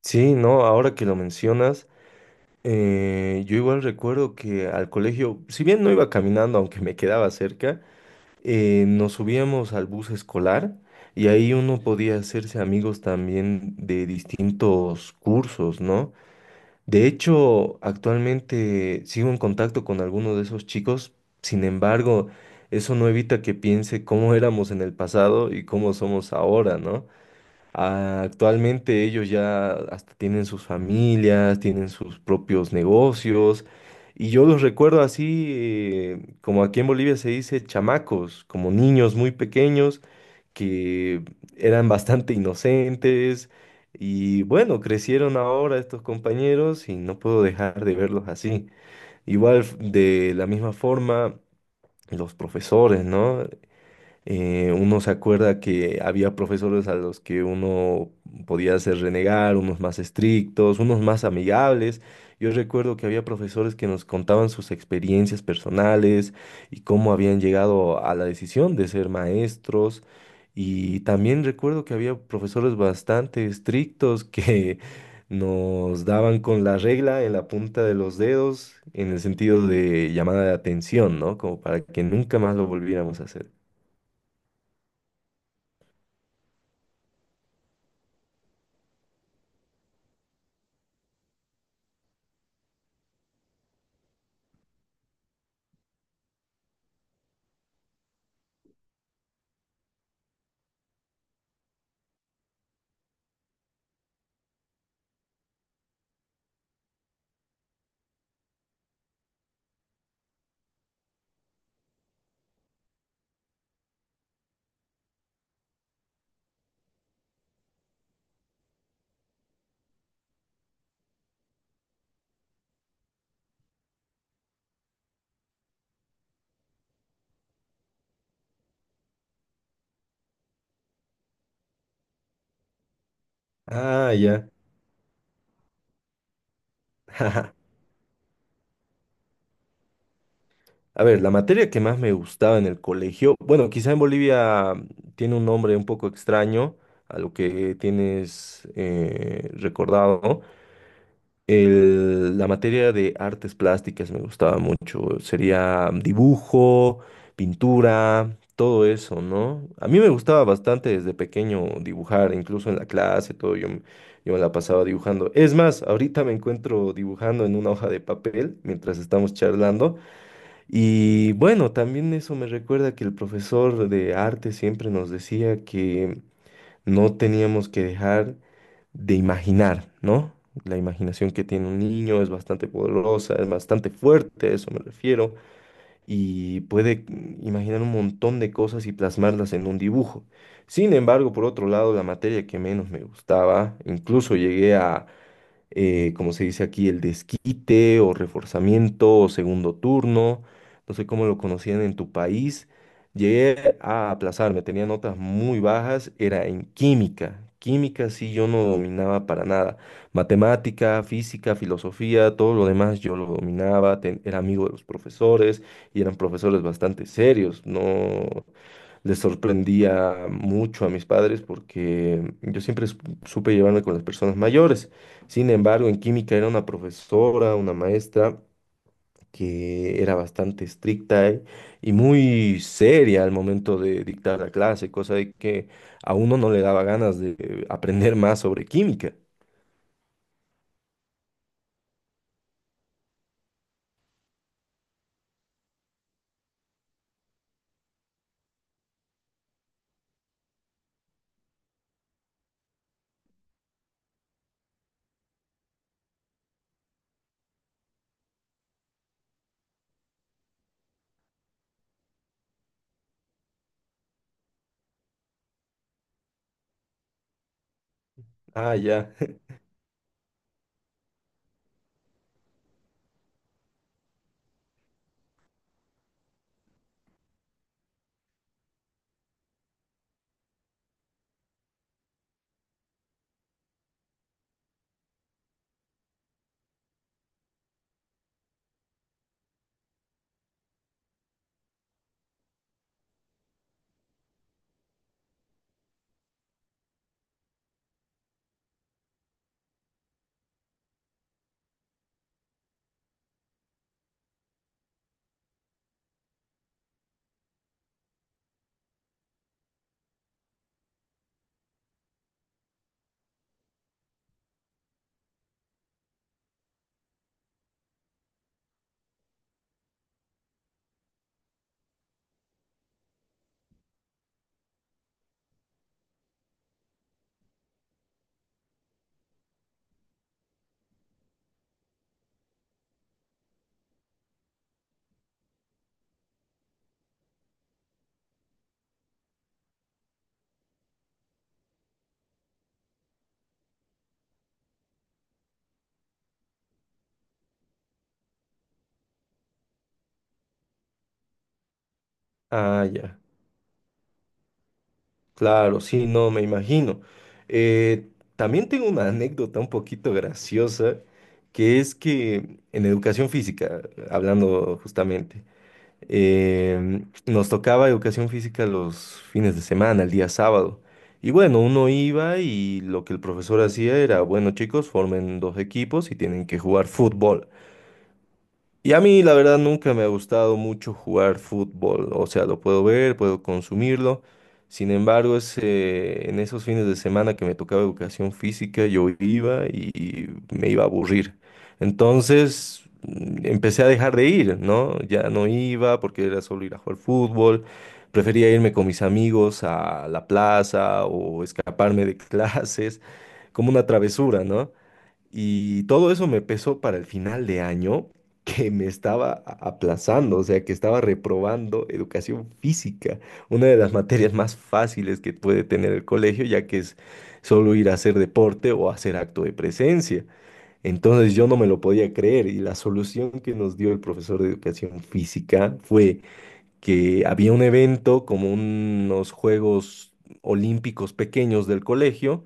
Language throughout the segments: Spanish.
Sí, no, ahora que lo mencionas, yo igual recuerdo que al colegio, si bien no iba caminando, aunque me quedaba cerca, nos subíamos al bus escolar y ahí uno podía hacerse amigos también de distintos cursos, ¿no? De hecho, actualmente sigo en contacto con algunos de esos chicos, sin embargo, eso no evita que piense cómo éramos en el pasado y cómo somos ahora, ¿no? Actualmente ellos ya hasta tienen sus familias, tienen sus propios negocios y yo los recuerdo así, como aquí en Bolivia se dice, chamacos, como niños muy pequeños que eran bastante inocentes y bueno, crecieron ahora estos compañeros y no puedo dejar de verlos así. Igual de la misma forma los profesores, ¿no? Uno se acuerda que había profesores a los que uno podía hacer renegar, unos más estrictos, unos más amigables. Yo recuerdo que había profesores que nos contaban sus experiencias personales y cómo habían llegado a la decisión de ser maestros. Y también recuerdo que había profesores bastante estrictos que nos daban con la regla en la punta de los dedos en el sentido de llamada de atención, ¿no? Como para que nunca más lo volviéramos a hacer. Ah, ya. A ver, la materia que más me gustaba en el colegio, bueno, quizá en Bolivia tiene un nombre un poco extraño a lo que tienes recordado. La materia de artes plásticas me gustaba mucho. Sería dibujo, pintura, todo eso, ¿no? A mí me gustaba bastante desde pequeño dibujar, incluso en la clase, todo. Yo me la pasaba dibujando. Es más, ahorita me encuentro dibujando en una hoja de papel mientras estamos charlando. Y bueno, también eso me recuerda que el profesor de arte siempre nos decía que no teníamos que dejar de imaginar, ¿no? La imaginación que tiene un niño es bastante poderosa, es bastante fuerte, a eso me refiero, y puede imaginar un montón de cosas y plasmarlas en un dibujo. Sin embargo, por otro lado, la materia que menos me gustaba, incluso llegué a como se dice aquí, el desquite o reforzamiento o segundo turno, no sé cómo lo conocían en tu país. Llegué a aplazarme, tenía notas muy bajas, era en química. Química sí yo no dominaba para nada. Matemática, física, filosofía, todo lo demás yo lo dominaba, era amigo de los profesores y eran profesores bastante serios, no les sorprendía mucho a mis padres porque yo siempre supe llevarme con las personas mayores. Sin embargo, en química era una profesora, una maestra que era bastante estricta y muy seria al momento de dictar la clase, cosa de que a uno no le daba ganas de aprender más sobre química. Ah, ya, ah, ya. Claro, sí, no, me imagino. Eh, También tengo una anécdota un poquito graciosa, que es que en educación física, hablando justamente, nos tocaba educación física los fines de semana, el día sábado. Y bueno, uno iba y lo que el profesor hacía era, bueno, chicos, formen dos equipos y tienen que jugar fútbol. Y a mí, la verdad, nunca me ha gustado mucho jugar fútbol. O sea, lo puedo ver, puedo consumirlo. Sin embargo, en esos fines de semana que me tocaba educación física, yo iba y me iba a aburrir. Entonces, empecé a dejar de ir, ¿no? Ya no iba porque era solo ir a jugar fútbol. Prefería irme con mis amigos a la plaza o escaparme de clases, como una travesura, ¿no? Y todo eso me pesó para el final de año que me estaba aplazando, o sea, que estaba reprobando educación física, una de las materias más fáciles que puede tener el colegio, ya que es solo ir a hacer deporte o hacer acto de presencia. Entonces yo no me lo podía creer y la solución que nos dio el profesor de educación física fue que había un evento como unos Juegos Olímpicos pequeños del colegio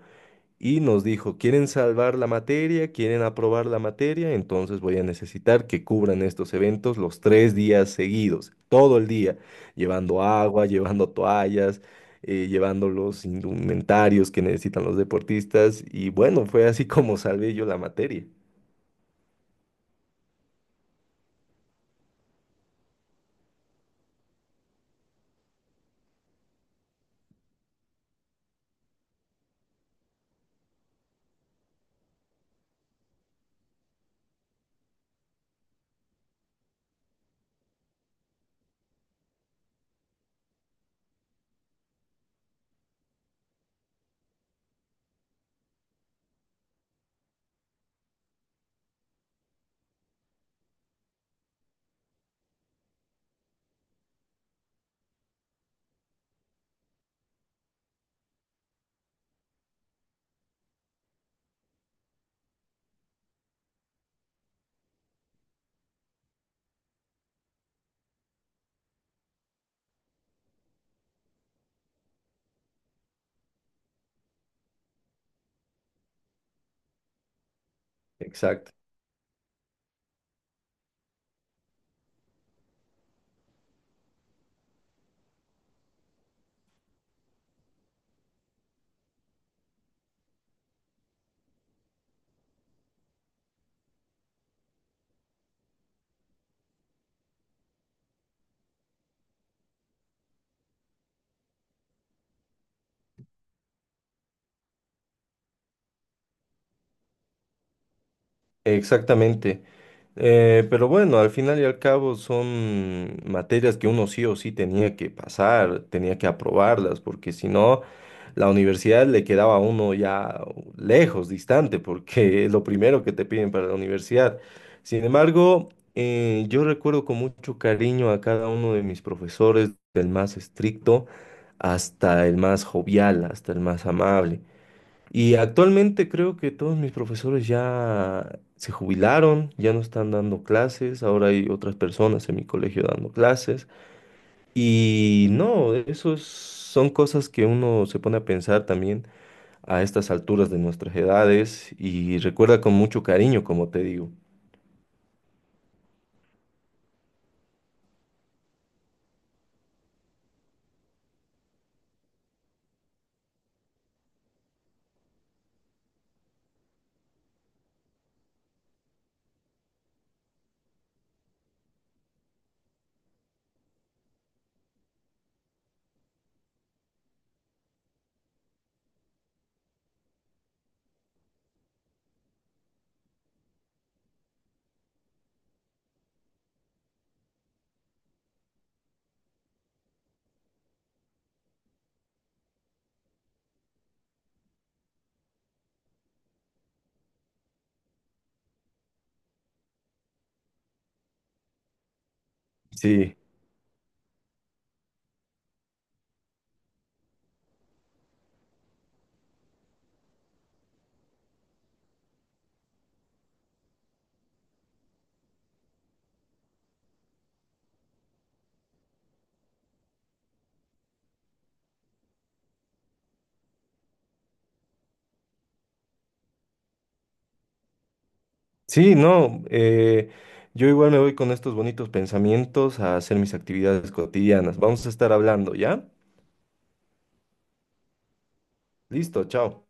y nos dijo, ¿quieren salvar la materia? ¿Quieren aprobar la materia? Entonces voy a necesitar que cubran estos eventos los 3 días seguidos, todo el día, llevando agua, llevando toallas, llevando los indumentarios que necesitan los deportistas. Y bueno, fue así como salvé yo la materia. Exacto. Exactamente. Pero bueno, al final y al cabo son materias que uno sí o sí tenía que pasar, tenía que aprobarlas, porque si no, la universidad le quedaba a uno ya lejos, distante, porque es lo primero que te piden para la universidad. Sin embargo, yo recuerdo con mucho cariño a cada uno de mis profesores, del más estricto hasta el más jovial, hasta el más amable. Y actualmente creo que todos mis profesores ya se jubilaron, ya no están dando clases, ahora hay otras personas en mi colegio dando clases. Y no, esos son cosas que uno se pone a pensar también a estas alturas de nuestras edades y recuerda con mucho cariño, como te digo. Sí, sí, no, yo igual me voy con estos bonitos pensamientos a hacer mis actividades cotidianas. Vamos a estar hablando, ¿ya? Listo, chao.